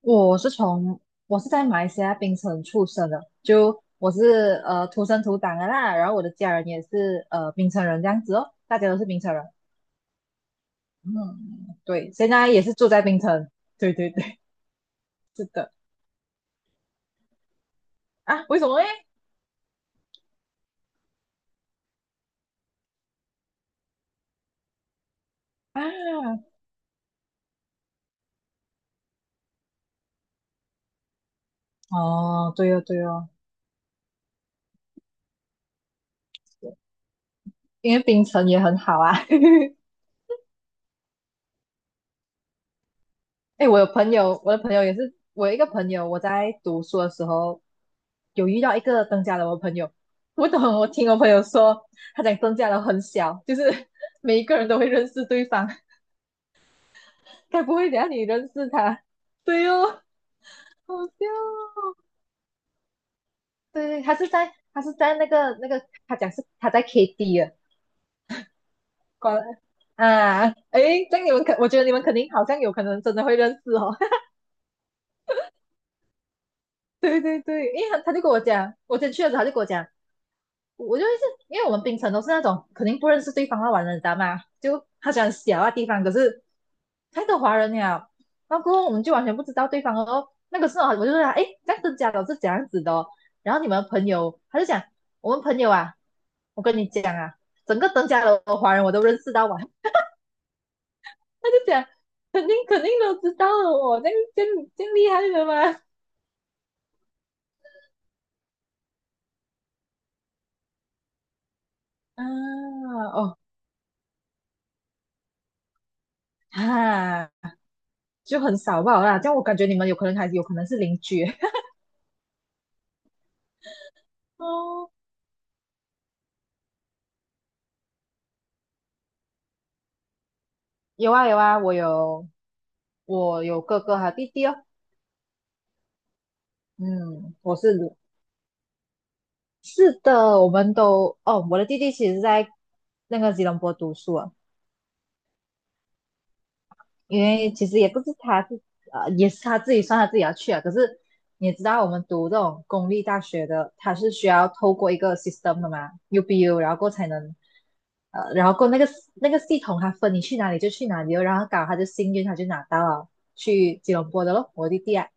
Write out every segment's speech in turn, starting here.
我是从我是在马来西亚槟城出生的，就我是土生土长的啦，然后我的家人也是槟城人这样子哦，大家都是槟城人。嗯，对，现在也是住在槟城。对对对，是的。啊，为什么嘞？啊，哦，对哦对哦，因为槟城也很好啊。哎，我有朋友，我的朋友也是，我有一个朋友，我在读书的时候有遇到一个登嘉楼的朋友，我懂，我听我朋友说，他讲登嘉楼很小，就是 每一个人都会认识对方，该不会等下你认识他？对哦，好笑哦。对对，他是在那个，他讲是他在 KD 的，关。啊，诶，这样你们可，我觉得你们肯定好像有可能真的会认识哦。对对对，因为他就跟我讲，我先去的时候他就跟我讲。我就是因为我们槟城都是那种肯定不认识对方的玩人的嘛，就他喜欢小的地方，可是太多华人了，然后过后我们就完全不知道对方哦。那个时候我就说，哎，这样子家长是怎样子的哦、然后你们朋友，他就讲我们朋友啊，我跟你讲啊，整个登嘉楼的华人我都认识到完，他就讲肯定肯定都知道了我，那这样这样厉害的吗？啊，哦，啊，就很少吧啦，这样我感觉你们有可能还有可能是邻居。 哦。有啊有啊，我有哥哥和弟弟哦。嗯，我是是的，我们都哦，我的弟弟其实在那个吉隆坡读书啊，因为其实也不是呃，也是他自己算他自己要去啊。可是你也知道，我们读这种公立大学的，他是需要透过一个 system 的嘛，UBU,然后过后才能，然后过后那个系统，它分你去哪里就去哪里哦然后搞他就幸运，他就拿到了去吉隆坡的咯，我弟弟啊。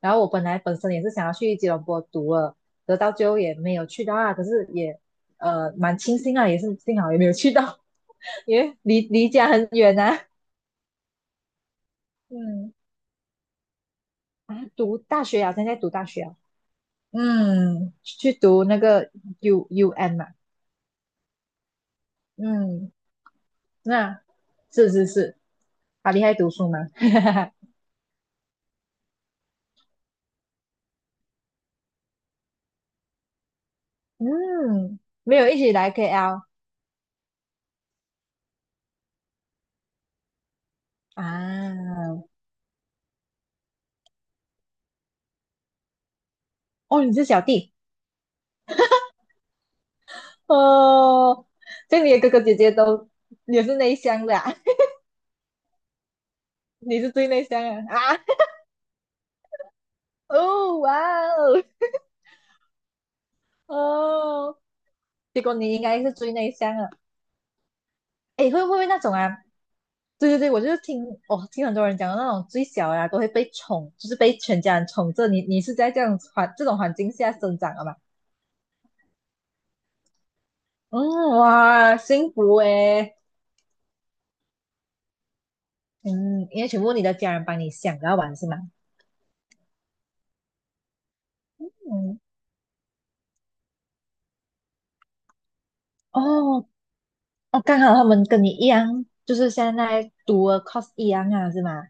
然后我本来本身也是想要去吉隆坡读了，得到最后也没有去到啊。可是也蛮庆幸啊，也是幸好也没有去到，因为离家很远啊。嗯。啊，读大学啊，现在读大学啊，嗯去读那个 U U N 嘛，嗯那是是是，好厉害读书嘛，嗯没有一起来 KL 啊，哦，你是小弟哦，这样你的哥哥姐姐都也是内向的啊，你是最内向的啊，哦哇哦哦，结果你应该是最内向的。哎，会不会那种啊？对对对，我就是听哦，听很多人讲的那种最小的啊，都会被宠，就是被全家人宠着。你你是在这样这种环境下生长的吗？嗯，哇，幸福诶。嗯，因为全部你的家人帮你想要玩是吗？嗯，哦哦，刚好他们跟你一样，就是现在读了 course 一样啊，是吗？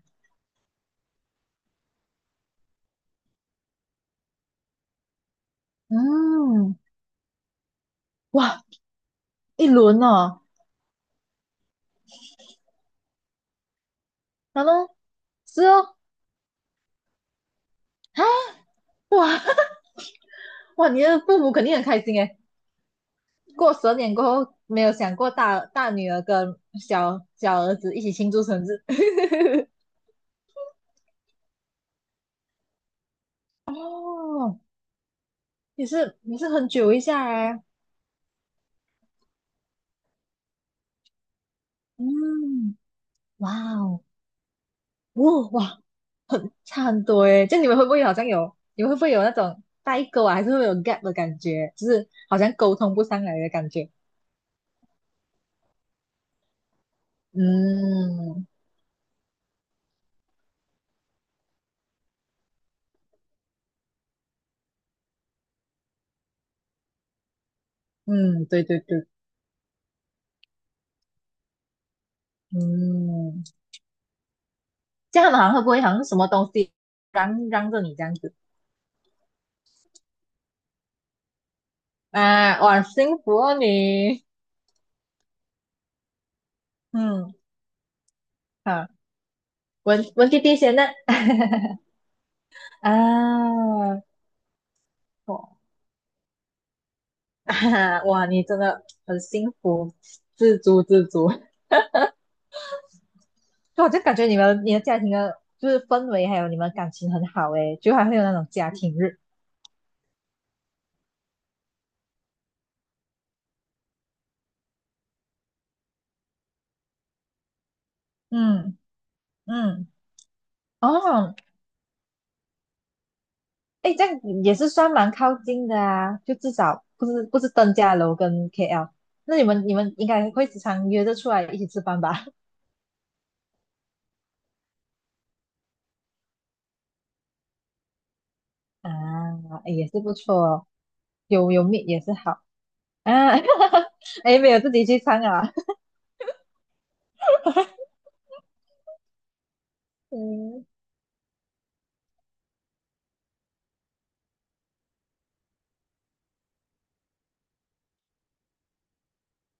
嗯，哇，一轮哦，然后是哦，哇 哇，你的父母肯定很开心诶。过十二点过后，没有想过大女儿跟小儿子一起庆祝生日。哦，也是也是很久一下哎。嗯，哇哦，哦哇，很差很多哎。就你们会不会好像有，你们会不会有那种代沟啊，还是会有 gap 的感觉，就是好像沟通不上来的感觉？嗯嗯，对对对，嗯，这样的好像会不会好像什么东西嚷嚷着你这样子？啊，哇，幸福哦你！嗯，好，文文弟弟先呢？啊，哦，哇，你真的很幸福，知足知足。就我就感觉你的家庭的，就是氛围还有你们感情很好诶，就还会有那种家庭日。嗯嗯，哦，诶，这样也是算蛮靠近的啊，就至少不是登嘉楼跟 KL。那你们应该会时常约着出来一起吃饭吧？啊，诶也是不错哦，有有 meet 也是好。啊，哎，没有自己去唱啊。嗯，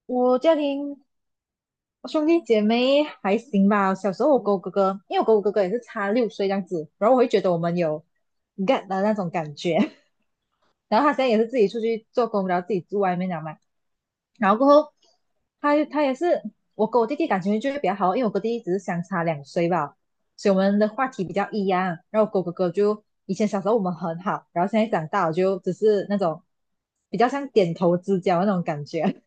我家庭我兄弟姐妹还行吧。小时候我跟我哥哥，因为我跟我哥哥也是差六岁这样子，然后我会觉得我们有 g e t 的那种感觉。然后他现在也是自己出去做工，然后自己住外面了嘛。然后过后，他也是我跟我弟弟感情就会比较好，因为我跟弟弟只是相差两岁吧，所以我们的话题比较一样。然后我跟我哥哥就以前小时候我们很好，然后现在长大我就只是那种比较像点头之交那种感觉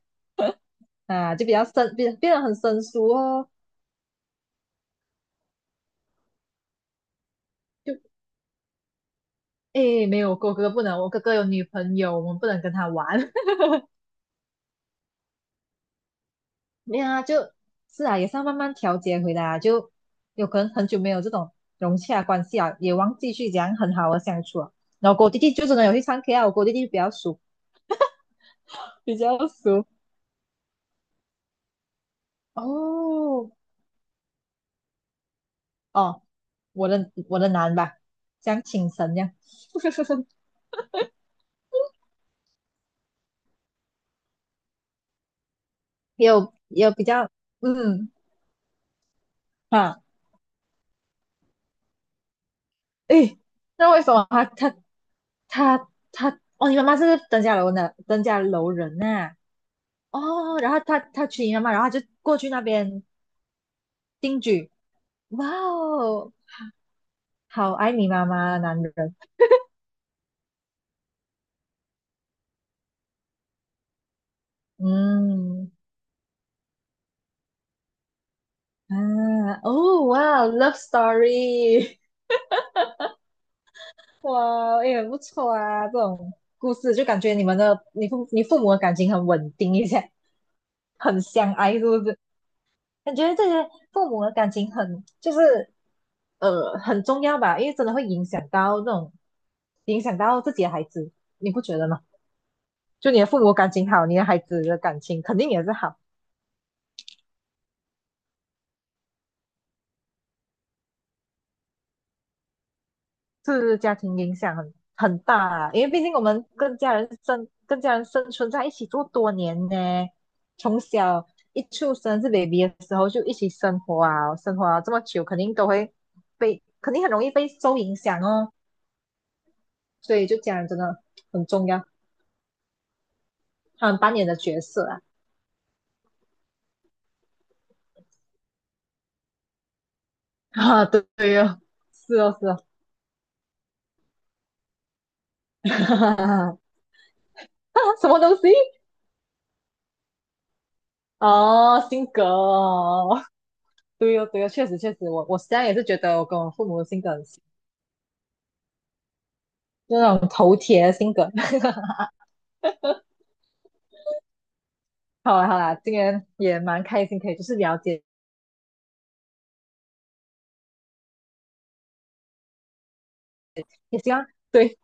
啊，就比较变变得很生疏哦。就诶，没有我哥哥不能，我哥哥有女朋友，我们不能跟他玩。没有啊，就是啊，也是要慢慢调节回来啊，就有可能很久没有这种融洽关系啊，也忘记去讲很好的相处啊。然后跟我弟弟就真的有去唱 K 啊，我跟我弟弟比较熟，比较熟哦哦，我的男吧，像请神这样，也有也有比较嗯。啊，诶，那为什么他哦，你妈妈是登嘉楼人呐、哦，然后他娶你妈妈，然后他就过去那边定居。哇哦，好爱你妈妈，男人。嗯。啊，哦哇哦，love story,哇哦，也很不错啊，这种故事就感觉你们的你父母的感情很稳定一下，很相爱，是不是？感觉这些父母的感情很就是很重要吧，因为真的会影响到自己的孩子，你不觉得吗？就你的父母感情好，你的孩子的感情肯定也是好，是家庭影响很大啊。因为毕竟我们跟家人生存在一起多年呢，从小一出生是 baby 的时候就一起生活啊，生活啊这么久，肯定都会肯定很容易被受影响哦。所以就家人真的很重要，他们扮演的角色啊。啊，对对哦，是哦是哦，什么东西？哦，性格哦，对哦，对哦，确实确实，我实际上也是觉得我跟我父母的性格很像，就那种头铁的性格。好啦好啦，今天也蛮开心，可以就是了解，也希望对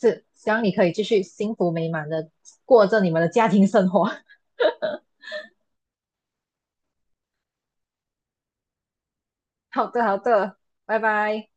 是希望你可以继续幸福美满的过着你们的家庭生活。好的好的，拜拜。